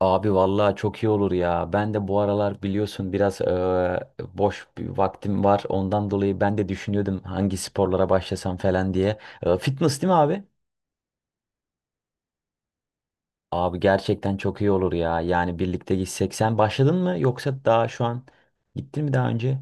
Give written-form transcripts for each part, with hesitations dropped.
Abi vallahi çok iyi olur ya. Ben de bu aralar biliyorsun biraz boş bir vaktim var. Ondan dolayı ben de düşünüyordum hangi sporlara başlasam falan diye. Fitness değil mi abi? Abi gerçekten çok iyi olur ya. Yani birlikte gitsek. Sen başladın mı yoksa daha şu an gittin mi daha önce?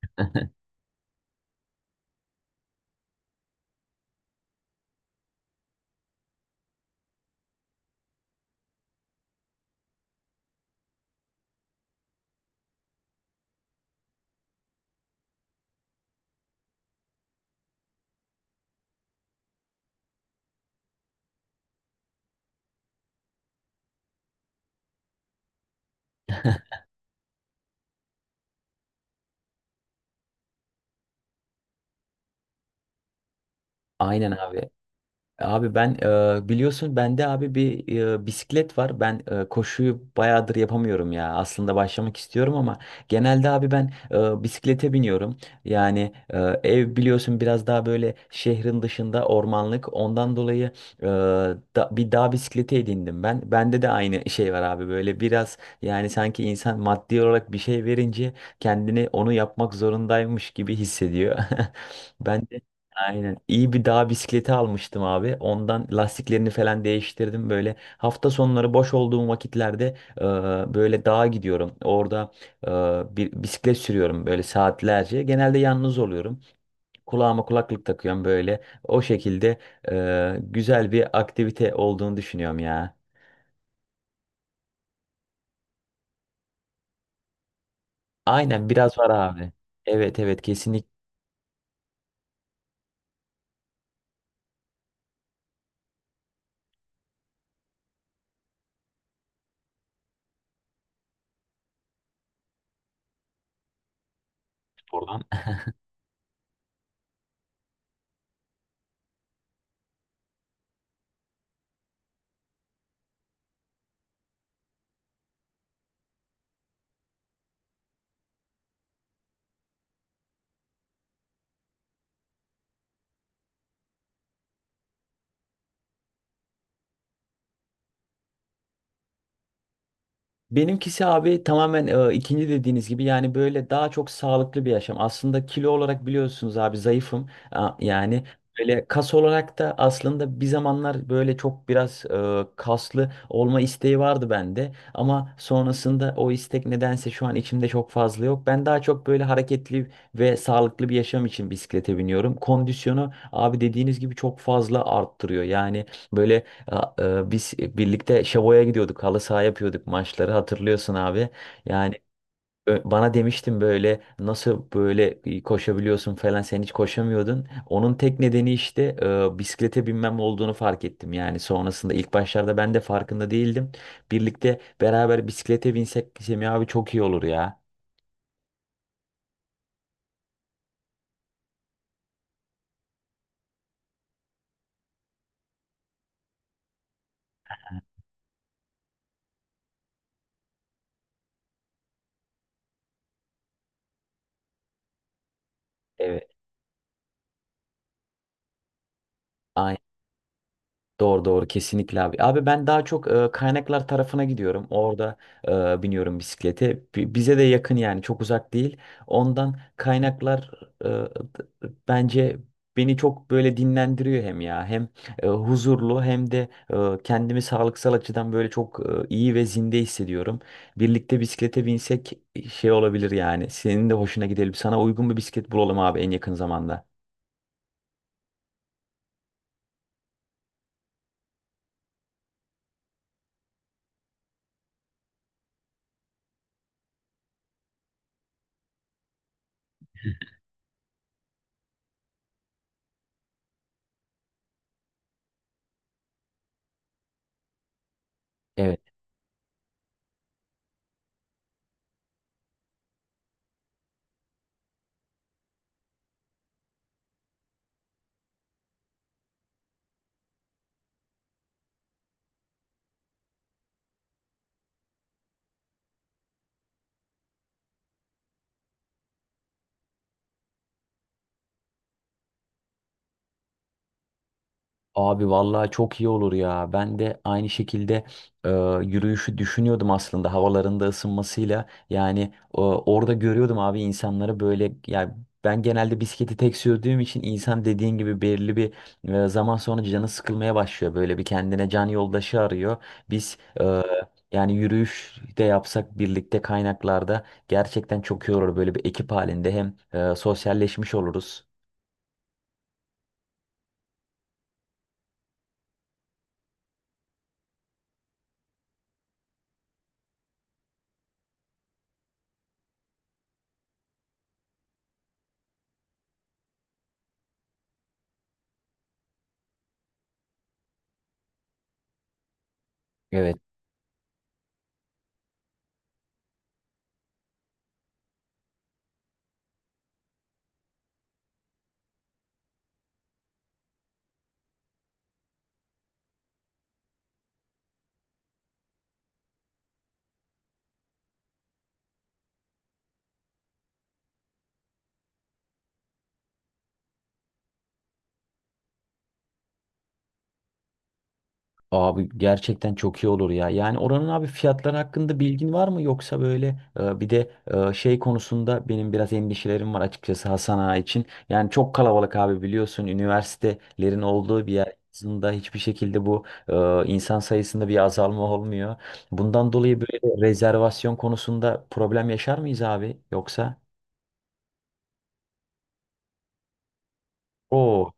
Aynen abi. Abi ben biliyorsun bende abi bir bisiklet var. Ben koşuyu bayağıdır yapamıyorum ya. Aslında başlamak istiyorum ama genelde abi ben bisiklete biniyorum. Yani ev biliyorsun biraz daha böyle şehrin dışında ormanlık. Ondan dolayı e, bir dağ bisikleti edindim ben. Bende de aynı şey var abi böyle biraz yani sanki insan maddi olarak bir şey verince kendini onu yapmak zorundaymış gibi hissediyor. Ben Aynen. İyi bir dağ bisikleti almıştım abi. Ondan lastiklerini falan değiştirdim. Böyle hafta sonları boş olduğum vakitlerde böyle dağa gidiyorum. Orada bir bisiklet sürüyorum böyle saatlerce. Genelde yalnız oluyorum. Kulağıma kulaklık takıyorum böyle. O şekilde güzel bir aktivite olduğunu düşünüyorum ya. Aynen biraz var abi. Evet, evet, kesinlikle. Benimkisi abi tamamen ikinci dediğiniz gibi, yani böyle daha çok sağlıklı bir yaşam. Aslında kilo olarak biliyorsunuz abi zayıfım. Yani böyle kas olarak da aslında bir zamanlar böyle çok biraz kaslı olma isteği vardı bende. Ama sonrasında o istek nedense şu an içimde çok fazla yok. Ben daha çok böyle hareketli ve sağlıklı bir yaşam için bisiklete biniyorum. Kondisyonu abi dediğiniz gibi çok fazla arttırıyor. Yani böyle ya, biz birlikte Şavo'ya gidiyorduk. Halı saha yapıyorduk maçları. Hatırlıyorsun abi. Yani bana demiştin böyle nasıl böyle koşabiliyorsun falan, sen hiç koşamıyordun. Onun tek nedeni işte bisiklete binmem olduğunu fark ettim. Yani sonrasında ilk başlarda ben de farkında değildim. Birlikte beraber bisiklete binsek Semih abi çok iyi olur ya. Evet. Doğru, doğru, kesinlikle abi. Abi ben daha çok kaynaklar tarafına gidiyorum. Orada biniyorum bisiklete. Bize de yakın, yani çok uzak değil. Ondan kaynaklar bence beni çok böyle dinlendiriyor hem ya. Hem huzurlu, hem de kendimi sağlıksal açıdan böyle çok iyi ve zinde hissediyorum. Birlikte bisiklete binsek şey olabilir yani. Senin de hoşuna gidelim. Sana uygun bir bisiklet bulalım abi en yakın zamanda. Evet. Abi vallahi çok iyi olur ya. Ben de aynı şekilde e, yürüyüşü düşünüyordum aslında havalarında ısınmasıyla. Yani orada görüyordum abi insanları böyle, yani ben genelde bisikleti tek sürdüğüm için insan dediğin gibi belirli bir zaman sonra canı sıkılmaya başlıyor. Böyle bir kendine can yoldaşı arıyor. Biz yani yürüyüş de yapsak birlikte kaynaklarda gerçekten çok iyi olur. Böyle bir ekip halinde hem sosyalleşmiş oluruz. Evet. Abi gerçekten çok iyi olur ya. Yani oranın abi fiyatları hakkında bilgin var mı, yoksa böyle bir de şey konusunda benim biraz endişelerim var açıkçası Hasan Ağa için. Yani çok kalabalık abi, biliyorsun üniversitelerin olduğu bir yer, aslında hiçbir şekilde bu insan sayısında bir azalma olmuyor. Bundan dolayı böyle rezervasyon konusunda problem yaşar mıyız abi yoksa? Oo,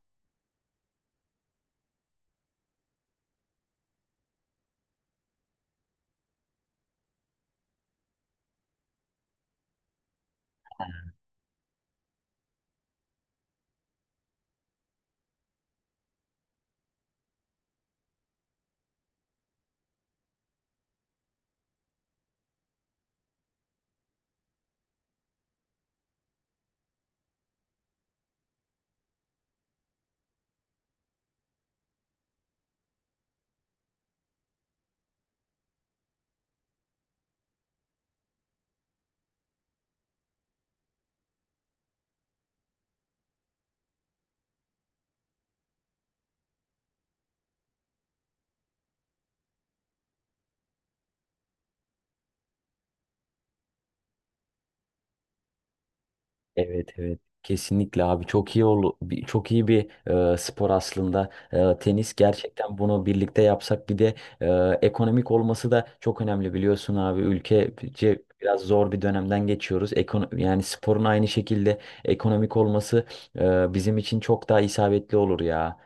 evet, evet, kesinlikle abi, çok iyi bir spor aslında. Tenis gerçekten, bunu birlikte yapsak bir de ekonomik olması da çok önemli, biliyorsun abi ülkece biraz zor bir dönemden geçiyoruz. Yani sporun aynı şekilde ekonomik olması bizim için çok daha isabetli olur ya.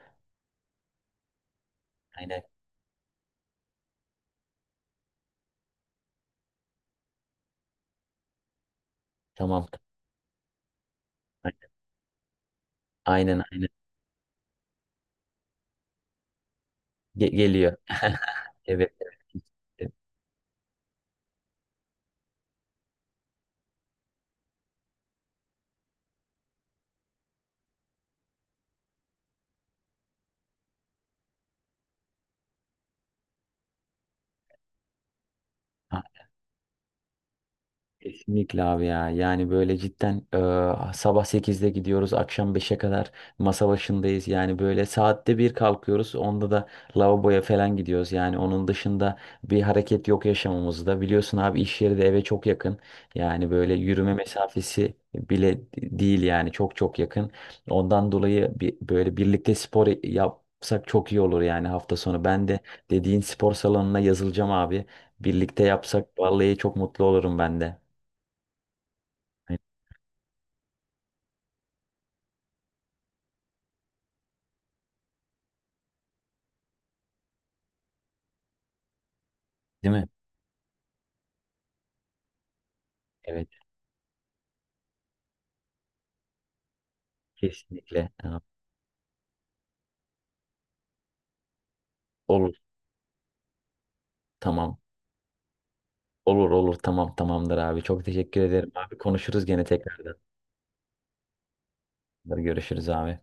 Aynen. Tamam. Aynen, aynen. Geliyor. Evet, evet. Kesinlikle abi ya. Yani böyle cidden sabah 8'de gidiyoruz, akşam 5'e kadar masa başındayız. Yani böyle saatte bir kalkıyoruz. Onda da lavaboya falan gidiyoruz. Yani onun dışında bir hareket yok yaşamımızda. Biliyorsun abi iş yeri de eve çok yakın. Yani böyle yürüme mesafesi bile değil, yani çok çok yakın. Ondan dolayı bir, böyle birlikte spor yapsak çok iyi olur yani hafta sonu. Ben de dediğin spor salonuna yazılacağım abi. Birlikte yapsak vallahi çok mutlu olurum ben de. Hani. Değil mi? Evet, kesinlikle. Ha. Olur, tamam. Olur, olur, tamam, tamamdır abi. Çok teşekkür ederim abi. Konuşuruz gene tekrardan. Görüşürüz abi.